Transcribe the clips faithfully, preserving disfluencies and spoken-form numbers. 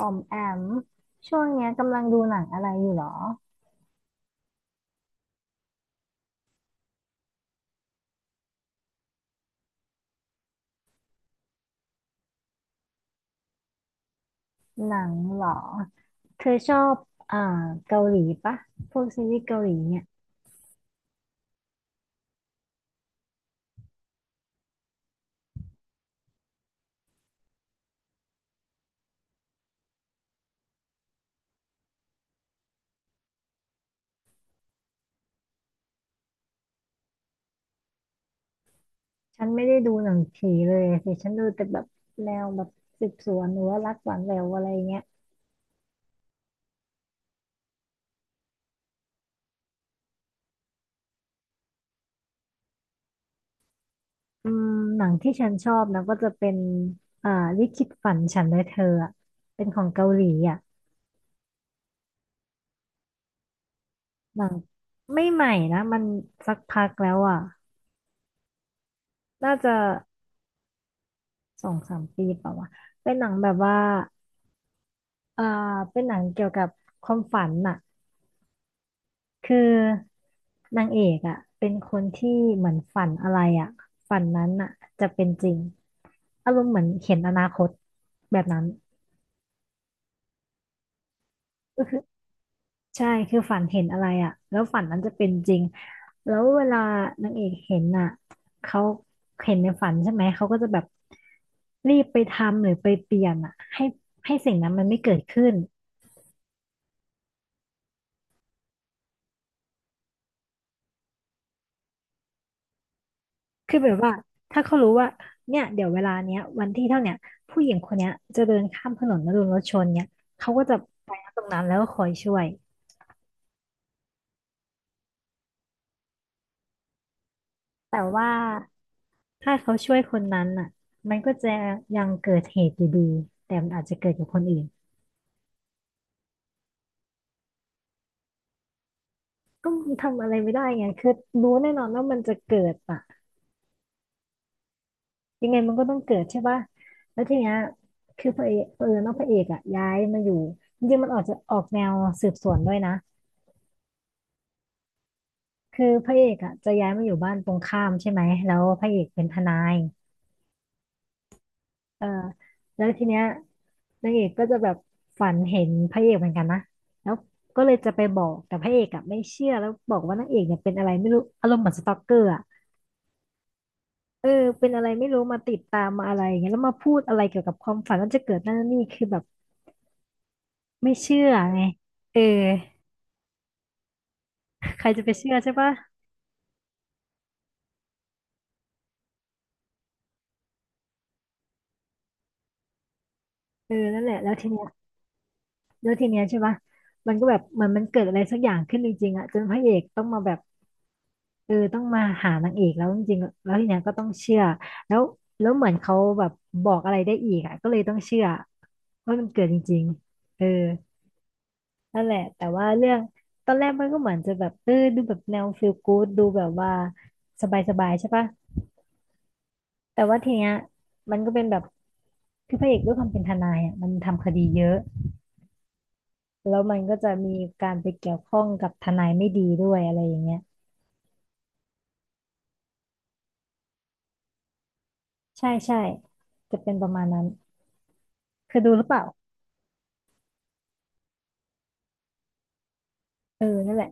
ออมแอมช่วงเนี้ยกำลังดูหนังอะไรอยู่หรอหนังเหรอเธอชอบอ่าเกาหลีปะพวกซีรีส์เกาหลีเนี่ยฉันไม่ได้ดูหนังผีเลยสิฉันดูแต่แบบแนวแบบสืบสวนหรือว่ารักหวานแหววอะไรเงี้ยอืมหนังที่ฉันชอบนะก็จะเป็นอ่าลิขิตฝันฉันและเธออะเป็นของเกาหลีอ่ะหนังไม่ใหม่นะมันสักพักแล้วอ่ะน่าจะสองสามปีเปล่าวะเป็นหนังแบบว่า อ่าเป็นหนังเกี่ยวกับความฝันน่ะคือนางเอกอ่ะเป็นคนที่เหมือนฝันอะไรอ่ะฝันนั้นน่ะจะเป็นจริงอารมณ์เหมือนเห็นอนาคตแบบนั้น ก็คือใช่คือฝันเห็นอะไรอ่ะแล้วฝันนั้นจะเป็นจริงแล้วเวลานางเอกเห็นอ่ะเขาเห็นในฝันใช่ไหมเขาก็จะแบบรีบไปทำหรือไปเปลี่ยนอ่ะให้ให้สิ่งนั้นมันไม่เกิดขึ้น คือแบบว่าถ้าเขารู้ว่าเนี่ยเดี๋ยวเวลาเนี้ยวันที่เท่าเนี้ยผู้หญิงคนเนี้ยจะเดินข้ามถนนแล้วโดนรถชนเนี่ยเขาก็จะไปนะตรงนั้นแล้วก็คอยช่วยแต่ว่าถ้าเขาช่วยคนนั้นอ่ะมันก็จะยังเกิดเหตุอยู่ดีแต่มันอาจจะเกิดกับคนอื่นก็มันทำอะไรไม่ได้ไงคือรู้แน่นอนว่ามันจะเกิดอ่ะยังไงมันก็ต้องเกิดใช่ป่ะแล้วทีเนี้ยคือพระเอกเออน้องพระเอกอ่ะย้ายมาอยู่จริงๆมันออกจะออกแนวสืบสวนด้วยนะ คือพระเอกอ่ะจะย้ายมาอยู่บ้านตรงข้ามใช่ไหมแล้วพระเอกเป็นทนายเออแล้วทีเนี้ยนางเอกก็จะแบบฝันเห็นพระเอกเหมือนกันนะแล้วก็เลยจะไปบอกแต่พระเอกอ่ะไม่เชื่อ แล้วบอกว่านางเอกเนี่ยเป็นอะไรไม่รู้อารมณ์เหมือนสตอกเกอร์อ่ะเออเป็นอะไรไม่รู้มาติดตามมาอะไรอย่างเงี้ยแล้วมาพูดอะไรเกี่ยวกับความฝันว่าจะเกิดนั่นนี่คือแบบไม่เชื่อไงเออใครจะไปเชื่อใช่ปะเออนั่นแหละแล้วทีเนี้ยแล้วทีเนี้ยใช่ปะมันก็แบบเหมือนมันเกิดอะไรสักอย่างขึ้นจริงๆอ่ะจนพระเอกต้องมาแบบ เออต้องมาหานางเอกแล้วจริงๆแล้วทีเนี้ยก็ต้องเชื่อแล้วแล้วเหมือนเขาแบบบอกอะไรได้อีกอ่ะก็เลยต้องเชื่อว่ามันเกิดจริงๆเออนั่นแหละแต่ว่าเรื่องตอนแรกมันก็เหมือนจะแบบเออดูแบบแนวฟีลกู๊ดดูแบบว่าสบายๆใช่ปะแต่ว่าทีเนี้ยมันก็เป็นแบบคือพระเอกด้วยความเป็นทนายอ่ะมันทำคดีเยอะแล้วมันก็จะมีการไปเกี่ยวข้องกับทนายไม่ดีด้วยอะไรอย่างเงี้ยใช่ใช่จะเป็นประมาณนั้นเคยดูหรือเปล่าเออนั่นแหละ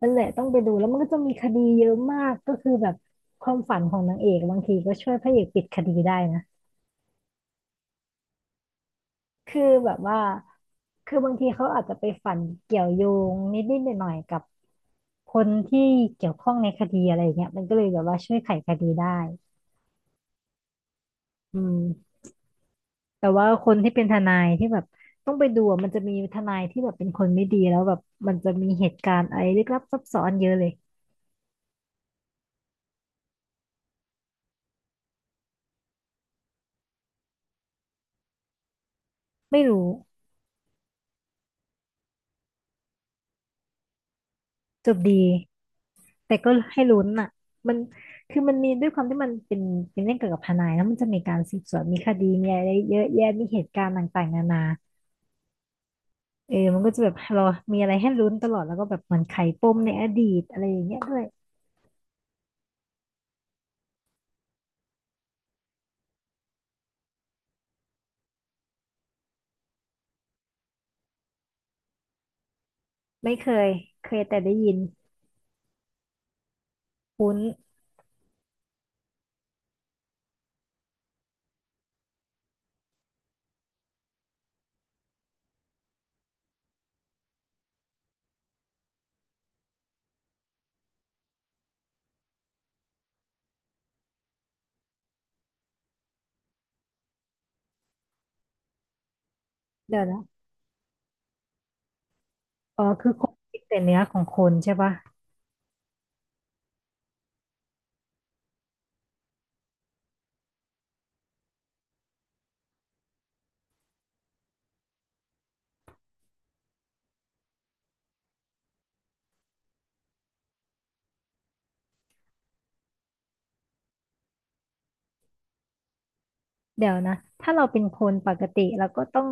นั่นแหละต้องไปดูแล้วมันก็จะมีคดีเยอะมากก็คือแบบความฝันของนางเอกบางทีก็ช่วยพระเอกปิดคดีได้นะคือแบบว่าคือบางทีเขาอาจจะไปฝันเกี่ยวโยงนิดๆหน่อยๆกับคนที่เกี่ยวข้องในคดีอะไรอย่างเงี้ยมันก็เลยแบบว่าช่วยไขคดีได้อืมแต่ว่าคนที่เป็นทนายที่แบบต้องไปดูอะมันจะมีทนายที่แบบเป็นคนไม่ดีแล้วแบบมันจะมีเหตุการณ์อะไรลึกลับซับซ้อนเยอะเลยไม่รู้จบดี แต่ก็ให้ลุ้นอ่ะมันคือมันมีด้วยความที่มันเป็นเป็นเรื่องเกี่ยวกับทนายแล้วมันจะมีการสืบสวนมีคดีมีอะไรเยอะแยะมีเหตุการณ์ต่างๆนานาเออมันก็จะแบบเรามีอะไรให้ลุ้นตลอด แล้วก็แบบเหมันไขปมในอดีตอะไรอย่างเงี้ยด้วยไม่เคย เคยแต่ได้ยินคุ้นเดี๋ยวนะอ๋อคือคนคิดแต่เนื้อของคนใช่ปะเดี๋ยวนะ ถ้าเราเป็นคนปกติเราก็ต้อง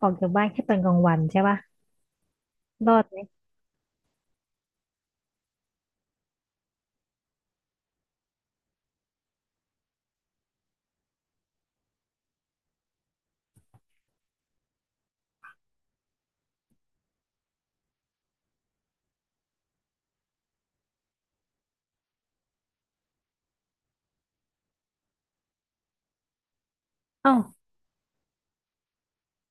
ออกจากบ้านแค่ตอนกลางวันใช่ปะรอดไหมเอ้า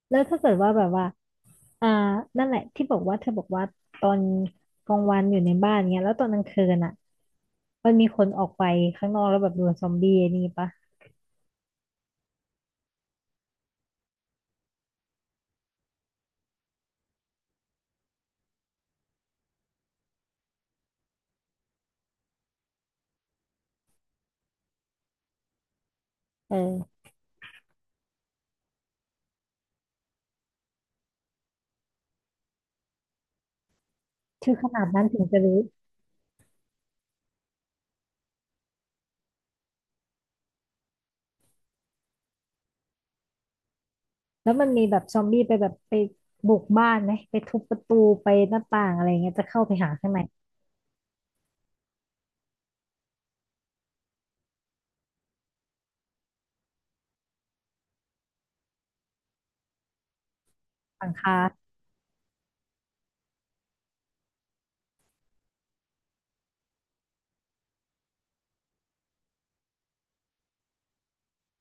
แล้วถ้าเกิดว่าแบบว่า อ่านั่นแหละที่บอกว่าเธอบอกว่าตอนกลางวันอยู่ในบ้านเนี้ยแล้วตอนกลางคืนอ่ะมันมีคนออกไปข้างนอกแล้วแบบโดนซอมบี้ไอ้นี่ปะเออคือขนาดนั้นถึงจะรู้แล้วมันมีแบบซอมบี้ไปแบบไปบุกบ้านไหมไปทุบประตูไปหน้าต่างอะไรเงี้ยจะเข้าไปหาข้างในหลังคา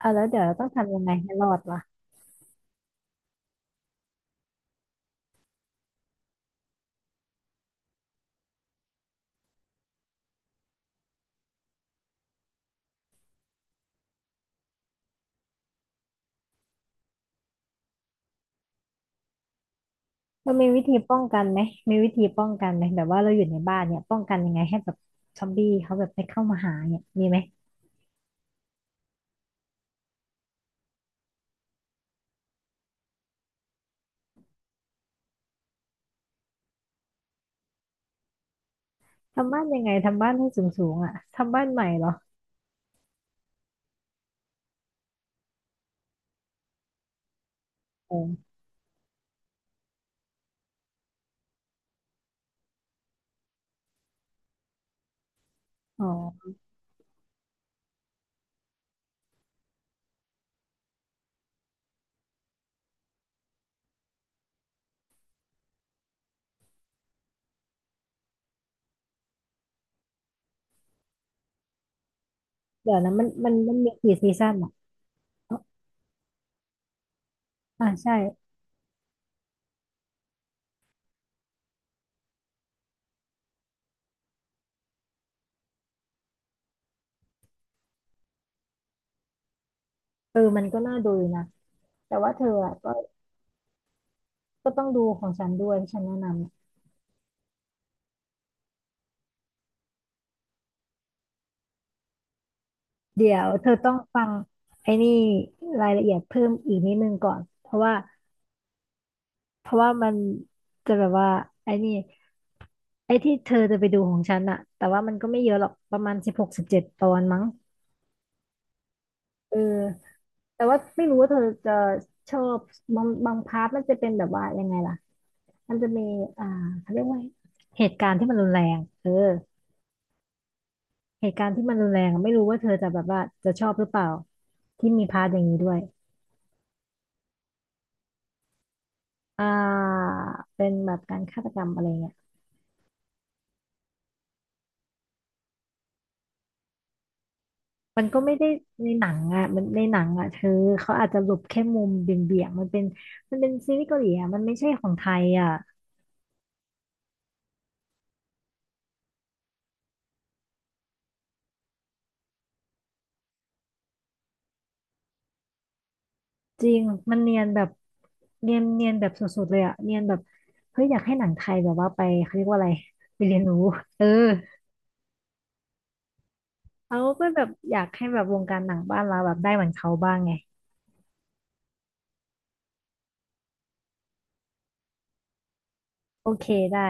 อ่ะแล้วเดี๋ยวเราต้องทำยังไงให้รอดล่ะมันมีวิธีป้องกันไหมมีวิธีป้องกันไหมแบบว่าเราอยู่ในบ้านเนี่ยป้องกันยังไงให้แบบซอมบี้เขาแบบไม่เข้ามาหาเนี่ยมีไหมทำบ้านยังไงทำบ้านให้สูงสูงอ่ะทำบ้านใหม่เหรอ อ๋ออ๋อเดี๋ยวนะมันมันมันมีกี่ซีซั่นอ่ะเอ๋ออ่าใช่เออมันก็น่าดูอยู่นะ แต่ว่าเธออ่ะก็ก็ต้องดูของฉันด้วยที่ฉันแนะนำ เดี๋ยวเธอต้องฟังไอ้นี่รายละเอียดเพิ่มอีกนิดนึงก่อน เพราะว่าเพราะว่ามันจะแบบว่าไอ้นี่ไอ้ที่เธอจะไปดูของฉันอ่ะแต่ว่ามันก็ไม่เยอะหรอกประมาณสิบหกสิบเจ็ดตอนมั้งเออแต่ว่าไม่รู้ว่าเธอจะชอบบางบางพาร์ทมันจะเป็นแบบว่ายังไงล่ะ มันจะมีอ่าเขาเรียกว่าเหตุการณ์ที่มันรุนแรงเออเหตุการณ์ที่มันรุนแรงอะไม่รู้ว่าเธอจะแบบว่าจะชอบหรือเปล่าที่มีพาร์ทอย่างนี้ด้วยอ่าเป็นแบบการฆาตกรรมอะไรเงี้ยมันก็ไม่ได้ในหนังอ่ะมันในหนังอ่ะเธอเขาอาจจะหลบแค่มุมเบี่ยงๆมันเป็นมันเป็นซีรีส์เกาหลีอ่ะมันไม่ใช่ของไทยอ่ะจริงมันเนียนแบบเนียนเนียนแบบสุดๆเลยอ่ะเนียนแบบเฮ้ยอยากให้หนังไทยแบบว่าไปเขาเรียกว่าอะไรไปเรียนรู้เออ เขาก็แบบอยากให้แบบวงการหนังบ้านเราแบบได้เหมือนเขาบ้างไงโอเคได้